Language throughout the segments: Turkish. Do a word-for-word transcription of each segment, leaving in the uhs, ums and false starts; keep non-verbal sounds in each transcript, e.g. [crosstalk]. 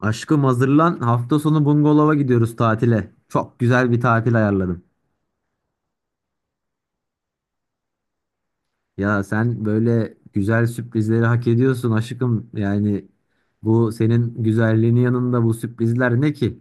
Aşkım hazırlan. Hafta sonu bungalova gidiyoruz tatile. Çok güzel bir tatil ayarladım. Ya sen böyle güzel sürprizleri hak ediyorsun aşkım. Yani bu senin güzelliğinin yanında bu sürprizler ne ki?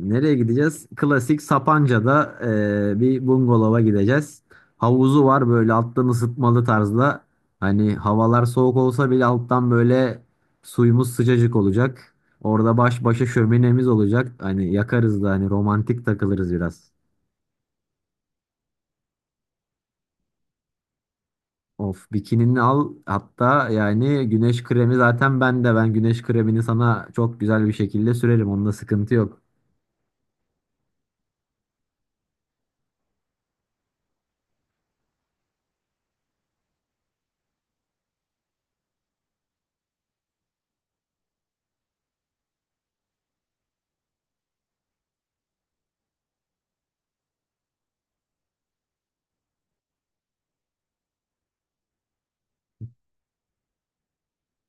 Nereye gideceğiz? Klasik Sapanca'da eee, bir bungalova gideceğiz. Havuzu var böyle alttan ısıtmalı tarzda. Hani havalar soğuk olsa bile alttan böyle suyumuz sıcacık olacak. Orada baş başa şöminemiz olacak. Hani yakarız da hani romantik takılırız biraz. Of bikinini al hatta yani güneş kremi zaten bende, ben güneş kremini sana çok güzel bir şekilde sürerim, onda sıkıntı yok.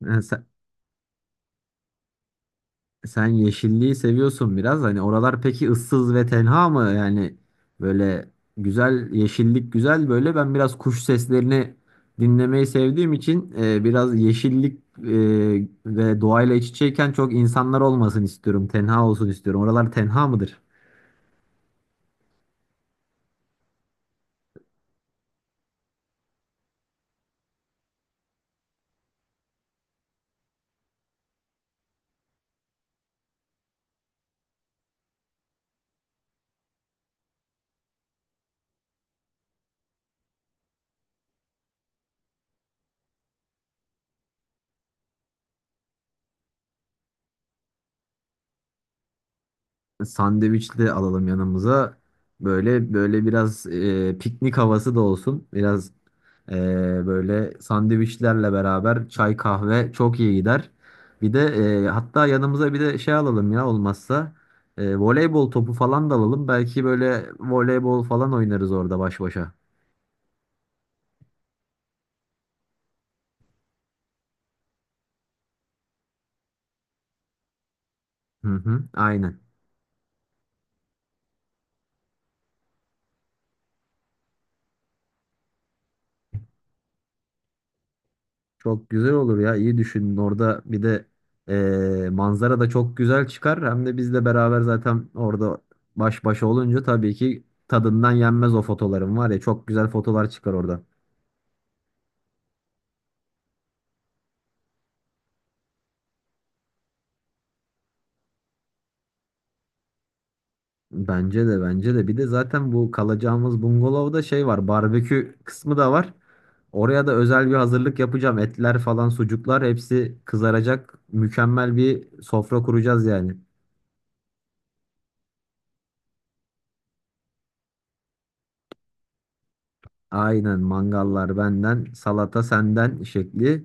[laughs] Sen yeşilliği seviyorsun biraz. Hani oralar peki ıssız ve tenha mı? Yani böyle güzel yeşillik güzel böyle. Ben biraz kuş seslerini dinlemeyi sevdiğim için e, biraz yeşillik e, ve doğayla iç içeyken çok insanlar olmasın istiyorum. Tenha olsun istiyorum. Oralar tenha mıdır? Sandviç de alalım yanımıza. Böyle böyle biraz e, piknik havası da olsun. Biraz Ee, Böyle sandviçlerle beraber çay kahve çok iyi gider. Bir de e, hatta yanımıza bir de şey alalım, ya olmazsa e, voleybol topu falan da alalım. Belki böyle voleybol falan oynarız orada baş başa. Hı hı, aynen. Çok güzel olur ya. İyi düşünün, orada bir de e, manzara da çok güzel çıkar. Hem de biz de beraber zaten orada baş başa olunca tabii ki tadından yenmez, o fotoların var ya, çok güzel fotolar çıkar orada. Bence de, bence de. Bir de zaten bu kalacağımız bungalovda şey var. Barbekü kısmı da var. Oraya da özel bir hazırlık yapacağım. Etler falan, sucuklar hepsi kızaracak. Mükemmel bir sofra kuracağız yani. Aynen, mangallar benden, salata senden şekli.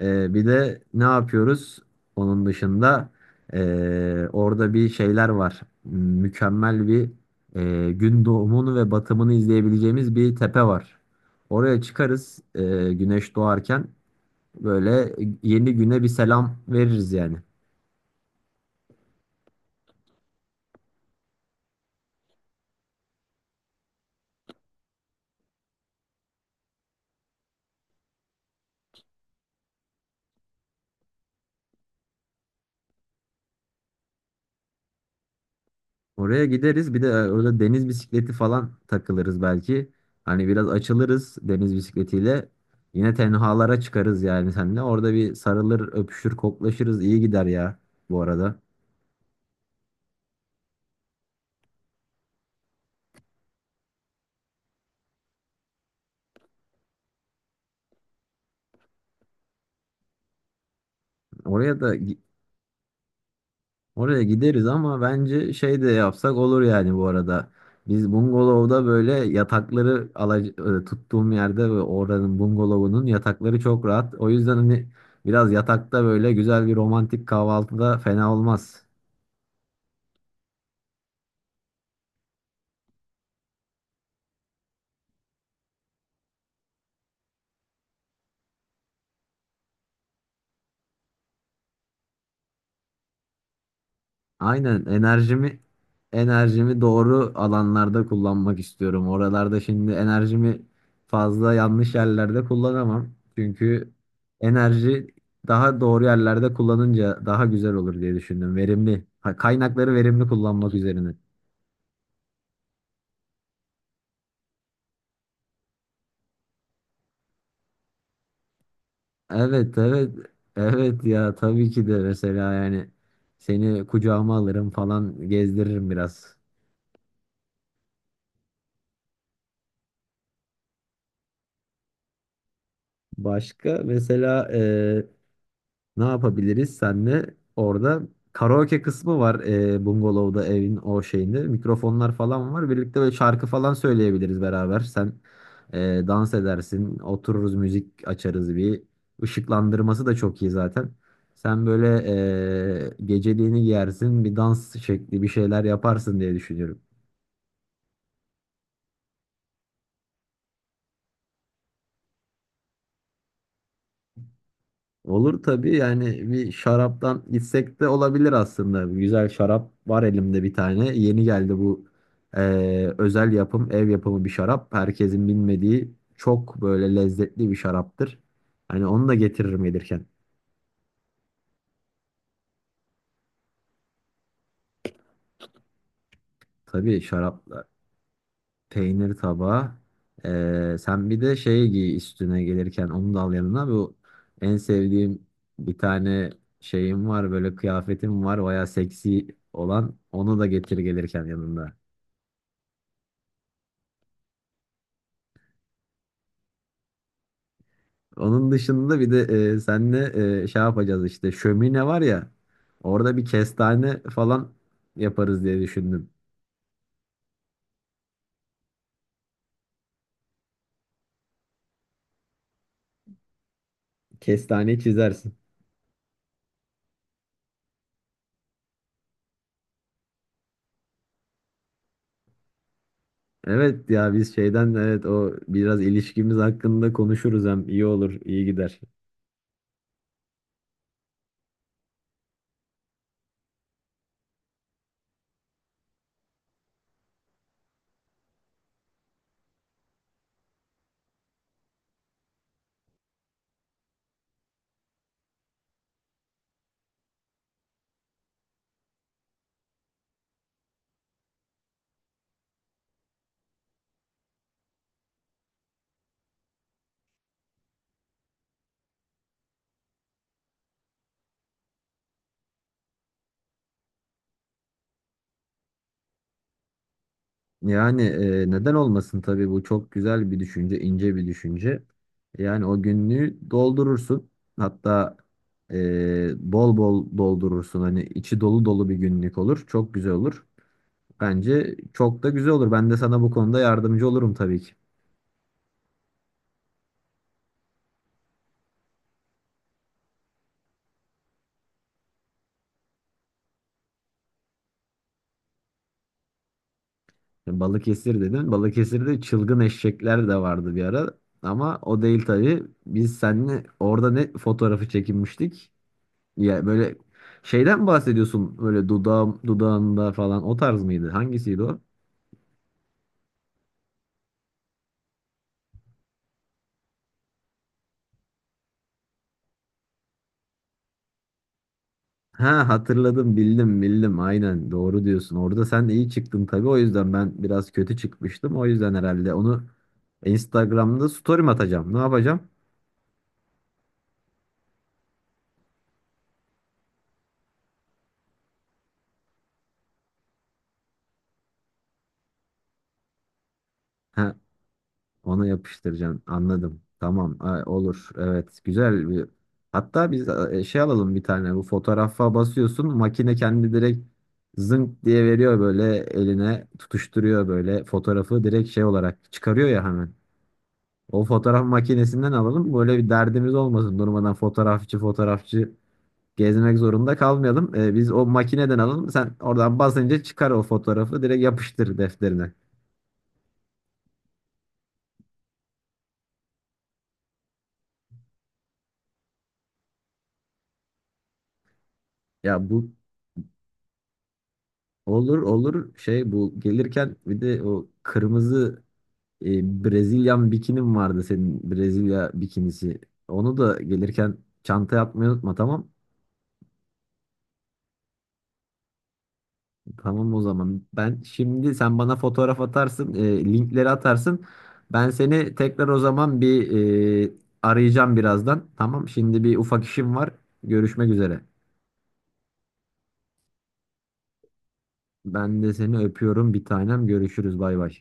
Ee, bir de ne yapıyoruz? Onun dışında ee, orada bir şeyler var. Mükemmel bir ee, gün doğumunu ve batımını izleyebileceğimiz bir tepe var. Oraya çıkarız, ee, güneş doğarken böyle yeni güne bir selam veririz yani. Oraya gideriz. Bir de orada deniz bisikleti falan takılırız belki. Hani biraz açılırız deniz bisikletiyle. Yine tenhalara çıkarız yani seninle. Orada bir sarılır, öpüşür, koklaşırız. İyi gider ya bu arada. Oraya da gi- Oraya gideriz ama bence şey de yapsak olur yani bu arada. Biz bungalovda böyle yatakları alac- e, tuttuğum yerde ve oranın bungalovunun yatakları çok rahat. O yüzden hani biraz yatakta böyle güzel bir romantik kahvaltıda fena olmaz. Aynen enerjimi enerjimi doğru alanlarda kullanmak istiyorum. Oralarda şimdi enerjimi fazla yanlış yerlerde kullanamam. Çünkü enerji daha doğru yerlerde kullanınca daha güzel olur diye düşündüm. Verimli. Ha, kaynakları verimli kullanmak üzerine. Evet evet evet ya tabii ki de, mesela yani seni kucağıma alırım falan, gezdiririm biraz. Başka mesela ne yapabiliriz senle? Orada karaoke kısmı var, e, bungalovda evin o şeyinde. Mikrofonlar falan var. Birlikte böyle şarkı falan söyleyebiliriz beraber. Sen e, dans edersin. Otururuz müzik açarız bir. Işıklandırması da çok iyi zaten. Sen böyle e, geceliğini giyersin. Bir dans şekli bir şeyler yaparsın diye düşünüyorum. Olur tabii, yani bir şaraptan gitsek de olabilir aslında. Güzel şarap var elimde, bir tane yeni geldi. Bu eee, özel yapım, ev yapımı bir şarap. Herkesin bilmediği çok böyle lezzetli bir şaraptır. Hani onu da getiririm gelirken. Tabii şarapla peynir tabağı. Eee, sen bir de şey giy üstüne gelirken, onu da al yanına. Bu en sevdiğim bir tane şeyim var böyle, kıyafetim var. Baya seksi olan, onu da getir gelirken yanında. Onun dışında bir de e, senle e, şey yapacağız işte, şömine var ya, orada bir kestane falan yaparız diye düşündüm. Kestane çizersin. Evet ya, biz şeyden, evet o biraz ilişkimiz hakkında konuşuruz, hem iyi olur, iyi gider. Yani e, neden olmasın tabii, bu çok güzel bir düşünce, ince bir düşünce. Yani o günlüğü doldurursun, hatta e, bol bol doldurursun, hani içi dolu dolu bir günlük olur, çok güzel olur. Bence çok da güzel olur. Ben de sana bu konuda yardımcı olurum tabii ki. Balıkesir dedin. Balıkesir'de çılgın eşekler de vardı bir ara. Ama o değil tabii. Biz seninle orada ne fotoğrafı çekinmiştik? Ya böyle şeyden mi bahsediyorsun? Böyle dudağım dudağında falan, o tarz mıydı? Hangisiydi o? Ha, hatırladım, bildim bildim, aynen doğru diyorsun. Orada sen iyi çıktın tabii, o yüzden ben biraz kötü çıkmıştım. O yüzden herhalde onu Instagram'da story'm atacağım. Ne yapacağım? Onu yapıştıracaksın. Anladım. Tamam. Ha, olur. Evet. Güzel bir. Hatta biz e, şey alalım bir tane. Bu fotoğrafa basıyorsun. Makine kendi direkt zınk diye veriyor böyle eline. Tutuşturuyor böyle fotoğrafı. Direkt şey olarak çıkarıyor ya hemen. O fotoğraf makinesinden alalım. Böyle bir derdimiz olmasın. Durmadan fotoğrafçı fotoğrafçı gezmek zorunda kalmayalım. E, biz o makineden alalım. Sen oradan basınca çıkar o fotoğrafı. Direkt yapıştır defterine. Ya bu Olur olur, şey, bu gelirken bir de o kırmızı e, Brezilyan bikinim vardı, senin Brezilya bikinisi. Onu da gelirken çanta yapmayı unutma, tamam. Tamam o zaman. Ben şimdi, sen bana fotoğraf atarsın, e, linkleri atarsın. Ben seni tekrar o zaman bir e, arayacağım birazdan. Tamam, şimdi bir ufak işim var. Görüşmek üzere. Ben de seni öpüyorum bir tanem. Görüşürüz, bay bay.